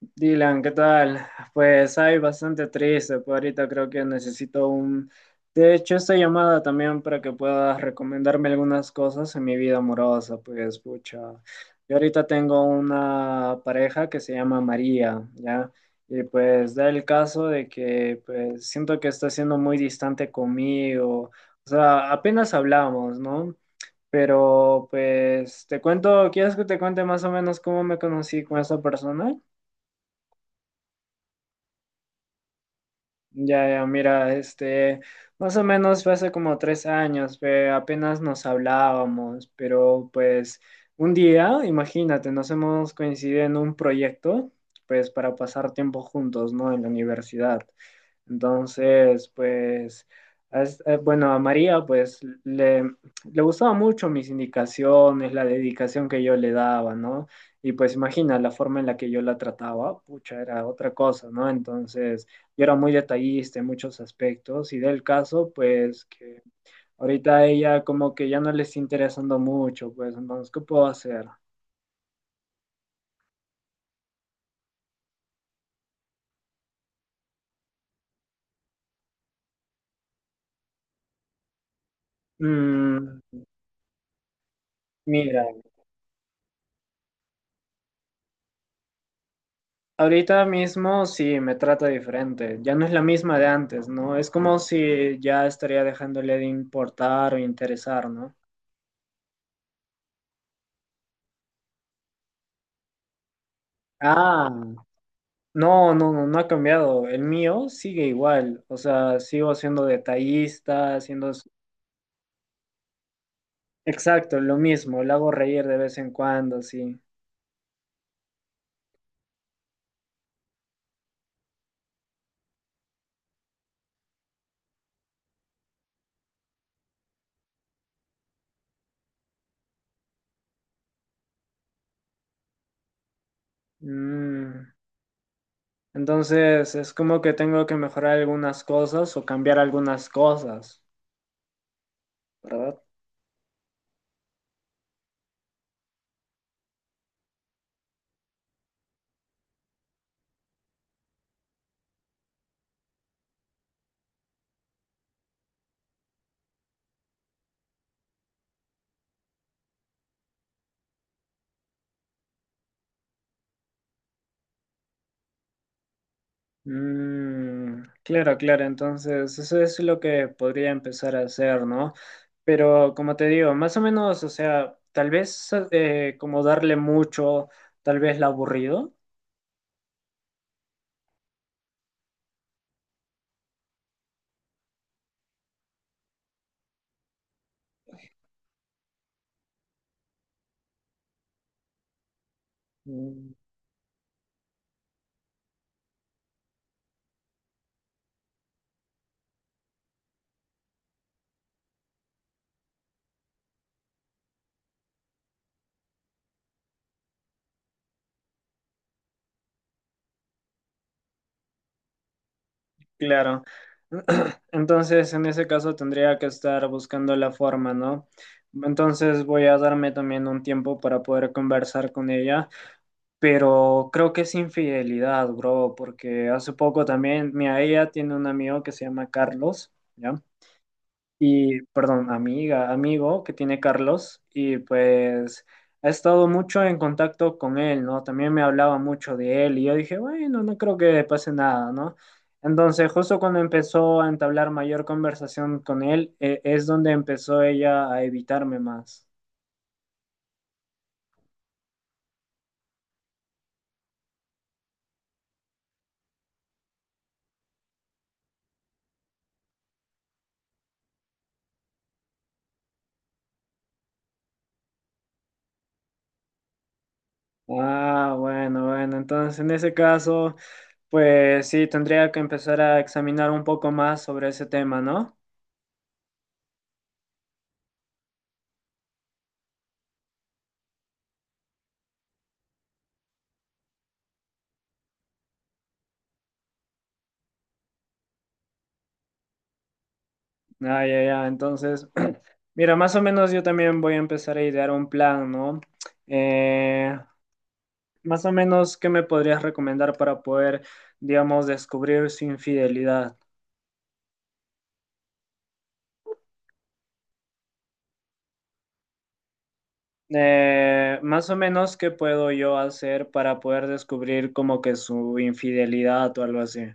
Dylan, ¿qué tal? Pues hay bastante triste, pues ahorita creo que necesito un. De hecho, esta llamada también para que puedas recomendarme algunas cosas en mi vida amorosa, pues pucha. Yo ahorita tengo una pareja que se llama María, ¿ya? Y pues da el caso de que pues siento que está siendo muy distante conmigo. O sea, apenas hablamos, ¿no? Pero pues te cuento, ¿quieres que te cuente más o menos cómo me conocí con esa persona? Ya, ya, mira, más o menos fue hace como 3 años, apenas nos hablábamos, pero pues un día, imagínate, nos hemos coincidido en un proyecto, pues para pasar tiempo juntos, ¿no? En la universidad. Entonces, pues, bueno, a María, pues, le gustaban mucho mis indicaciones, la dedicación que yo le daba, ¿no? Y pues imagina la forma en la que yo la trataba, pucha, era otra cosa, ¿no? Entonces, yo era muy detallista en muchos aspectos y del caso, pues, que ahorita a ella como que ya no le está interesando mucho, pues, entonces, ¿qué puedo hacer? Mm, mira. Ahorita mismo sí me trata diferente, ya no es la misma de antes, ¿no? Es como si ya estaría dejándole de importar o interesar, ¿no? Ah, no, no, no, no ha cambiado. El mío sigue igual, o sea, sigo siendo detallista, siendo. Exacto, lo mismo, lo hago reír de vez en cuando, sí. Mm, Entonces, es como que tengo que mejorar algunas cosas o cambiar algunas cosas, ¿verdad? Mm, claro, claro, entonces eso es lo que podría empezar a hacer, ¿no? Pero como te digo, más o menos, o sea, tal vez como darle mucho, tal vez la aburrido. Mm, claro. Entonces, en ese caso tendría que estar buscando la forma, ¿no? Entonces voy a darme también un tiempo para poder conversar con ella. Pero creo que es infidelidad, bro, porque hace poco también, mi ella tiene un amigo que se llama Carlos, ¿ya? Y, perdón, amiga, amigo que tiene Carlos, y pues ha estado mucho en contacto con él, ¿no? También me hablaba mucho de él, y yo dije, bueno, no creo que pase nada, ¿no? Entonces, justo cuando empezó a entablar mayor conversación con él, es donde empezó ella a evitarme más. Ah, bueno, bueno, entonces en ese caso, pues sí, tendría que empezar a examinar un poco más sobre ese tema, ¿no? Ah, ya, ya, entonces, mira, más o menos yo también voy a empezar a idear un plan, ¿no? Eh, más o menos, ¿qué me podrías recomendar para poder, digamos, descubrir su infidelidad? Más o menos, ¿qué puedo yo hacer para poder descubrir como que su infidelidad o algo así?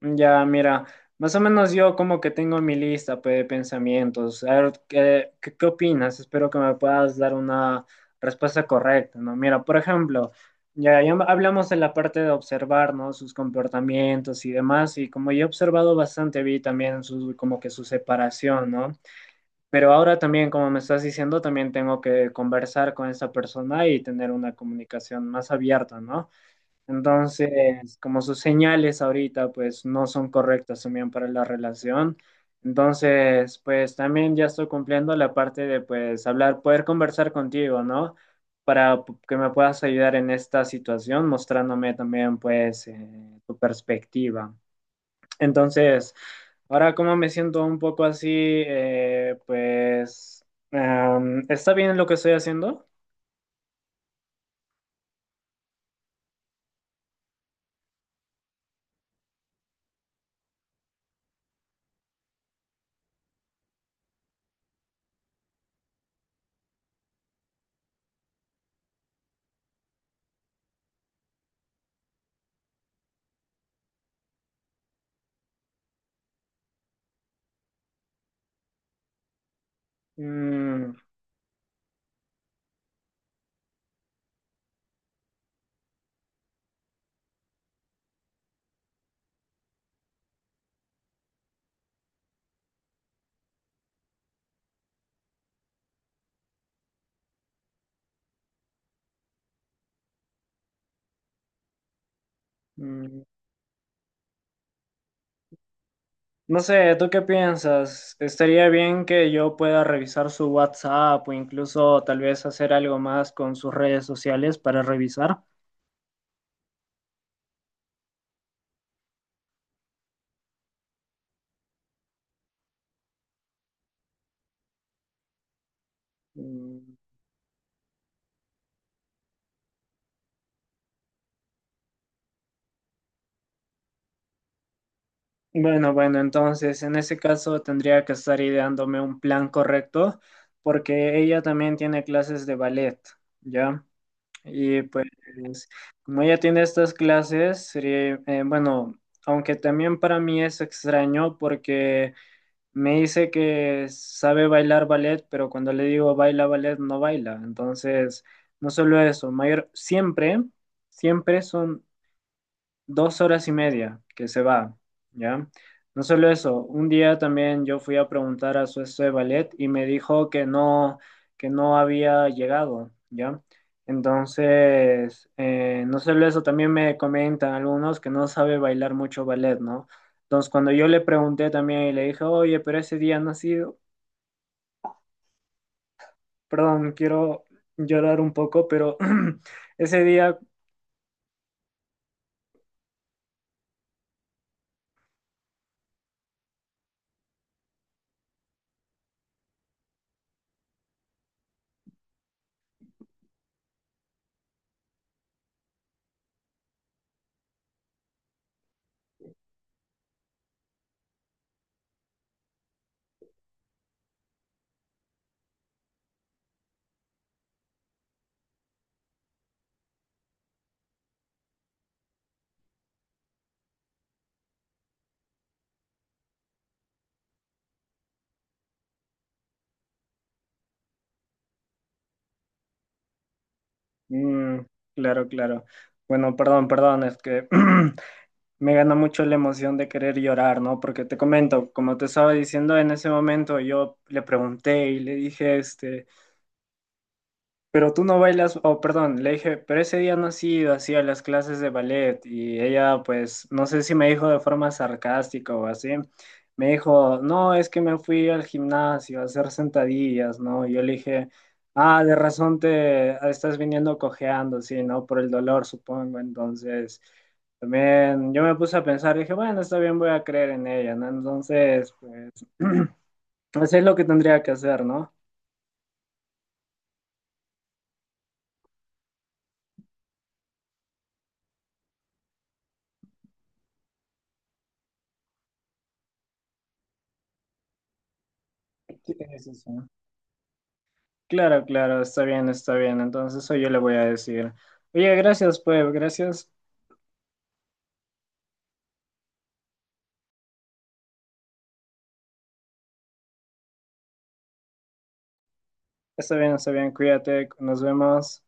Ya, mira, más o menos yo como que tengo mi lista pues, de pensamientos. A ver, ¿qué opinas? Espero que me puedas dar una respuesta correcta, ¿no? Mira, por ejemplo, ya, ya hablamos de la parte de observar, ¿no? Sus comportamientos y demás, y como yo he observado bastante, vi también su, como que su separación, ¿no? Pero ahora también, como me estás diciendo, también tengo que conversar con esa persona y tener una comunicación más abierta, ¿no? Entonces, como sus señales ahorita pues no son correctas también para la relación. Entonces, pues también ya estoy cumpliendo la parte de pues hablar, poder conversar contigo, ¿no? Que me puedas ayudar en esta situación, mostrándome también pues tu perspectiva. Entonces, ahora como me siento un poco así, pues, ¿está bien lo que estoy haciendo? Mm, mm. No sé, ¿tú qué piensas? ¿Estaría bien que yo pueda revisar su WhatsApp o incluso tal vez hacer algo más con sus redes sociales para revisar? Mm, bueno, bueno, entonces en ese caso tendría que estar ideándome un plan correcto porque ella también tiene clases de ballet, ¿ya? Y pues como ella tiene estas clases, sería, bueno, aunque también para mí es extraño porque. Me dice que sabe bailar ballet, pero cuando le digo baila ballet, no baila. Entonces, no solo eso, mayor, siempre son 2 horas y media que se va, ¿ya? No solo eso, un día también yo fui a preguntar a su estudio de ballet y me dijo que no había llegado, ¿ya? Entonces, no solo eso, también me comentan algunos que no sabe bailar mucho ballet, ¿no? Entonces, cuando yo le pregunté también y le dije, oye, pero ese día no ha sido, perdón, quiero llorar un poco, pero ese día, mm, claro, claro. Bueno, perdón, perdón, es que me gana mucho la emoción de querer llorar, ¿no? Porque te comento, como te estaba diciendo, en ese momento yo le pregunté y le dije, pero tú no bailas, oh, perdón, le dije, pero ese día no has ido así a las clases de ballet y ella pues, no sé si me dijo de forma sarcástica o así, me dijo, no, es que me fui al gimnasio a hacer sentadillas, ¿no? Y yo le dije, ah, de razón te estás viniendo cojeando, sí, ¿no? Por el dolor, supongo. Entonces, también yo me puse a pensar, dije, bueno, está bien, voy a creer en ella, ¿no? Entonces, pues, eso es lo que tendría que hacer, ¿no? Sí, sí, sí. Claro, claro, está bien, está bien. Entonces eso yo le voy a decir. Oye, gracias, pues, gracias. Está bien, cuídate, nos vemos.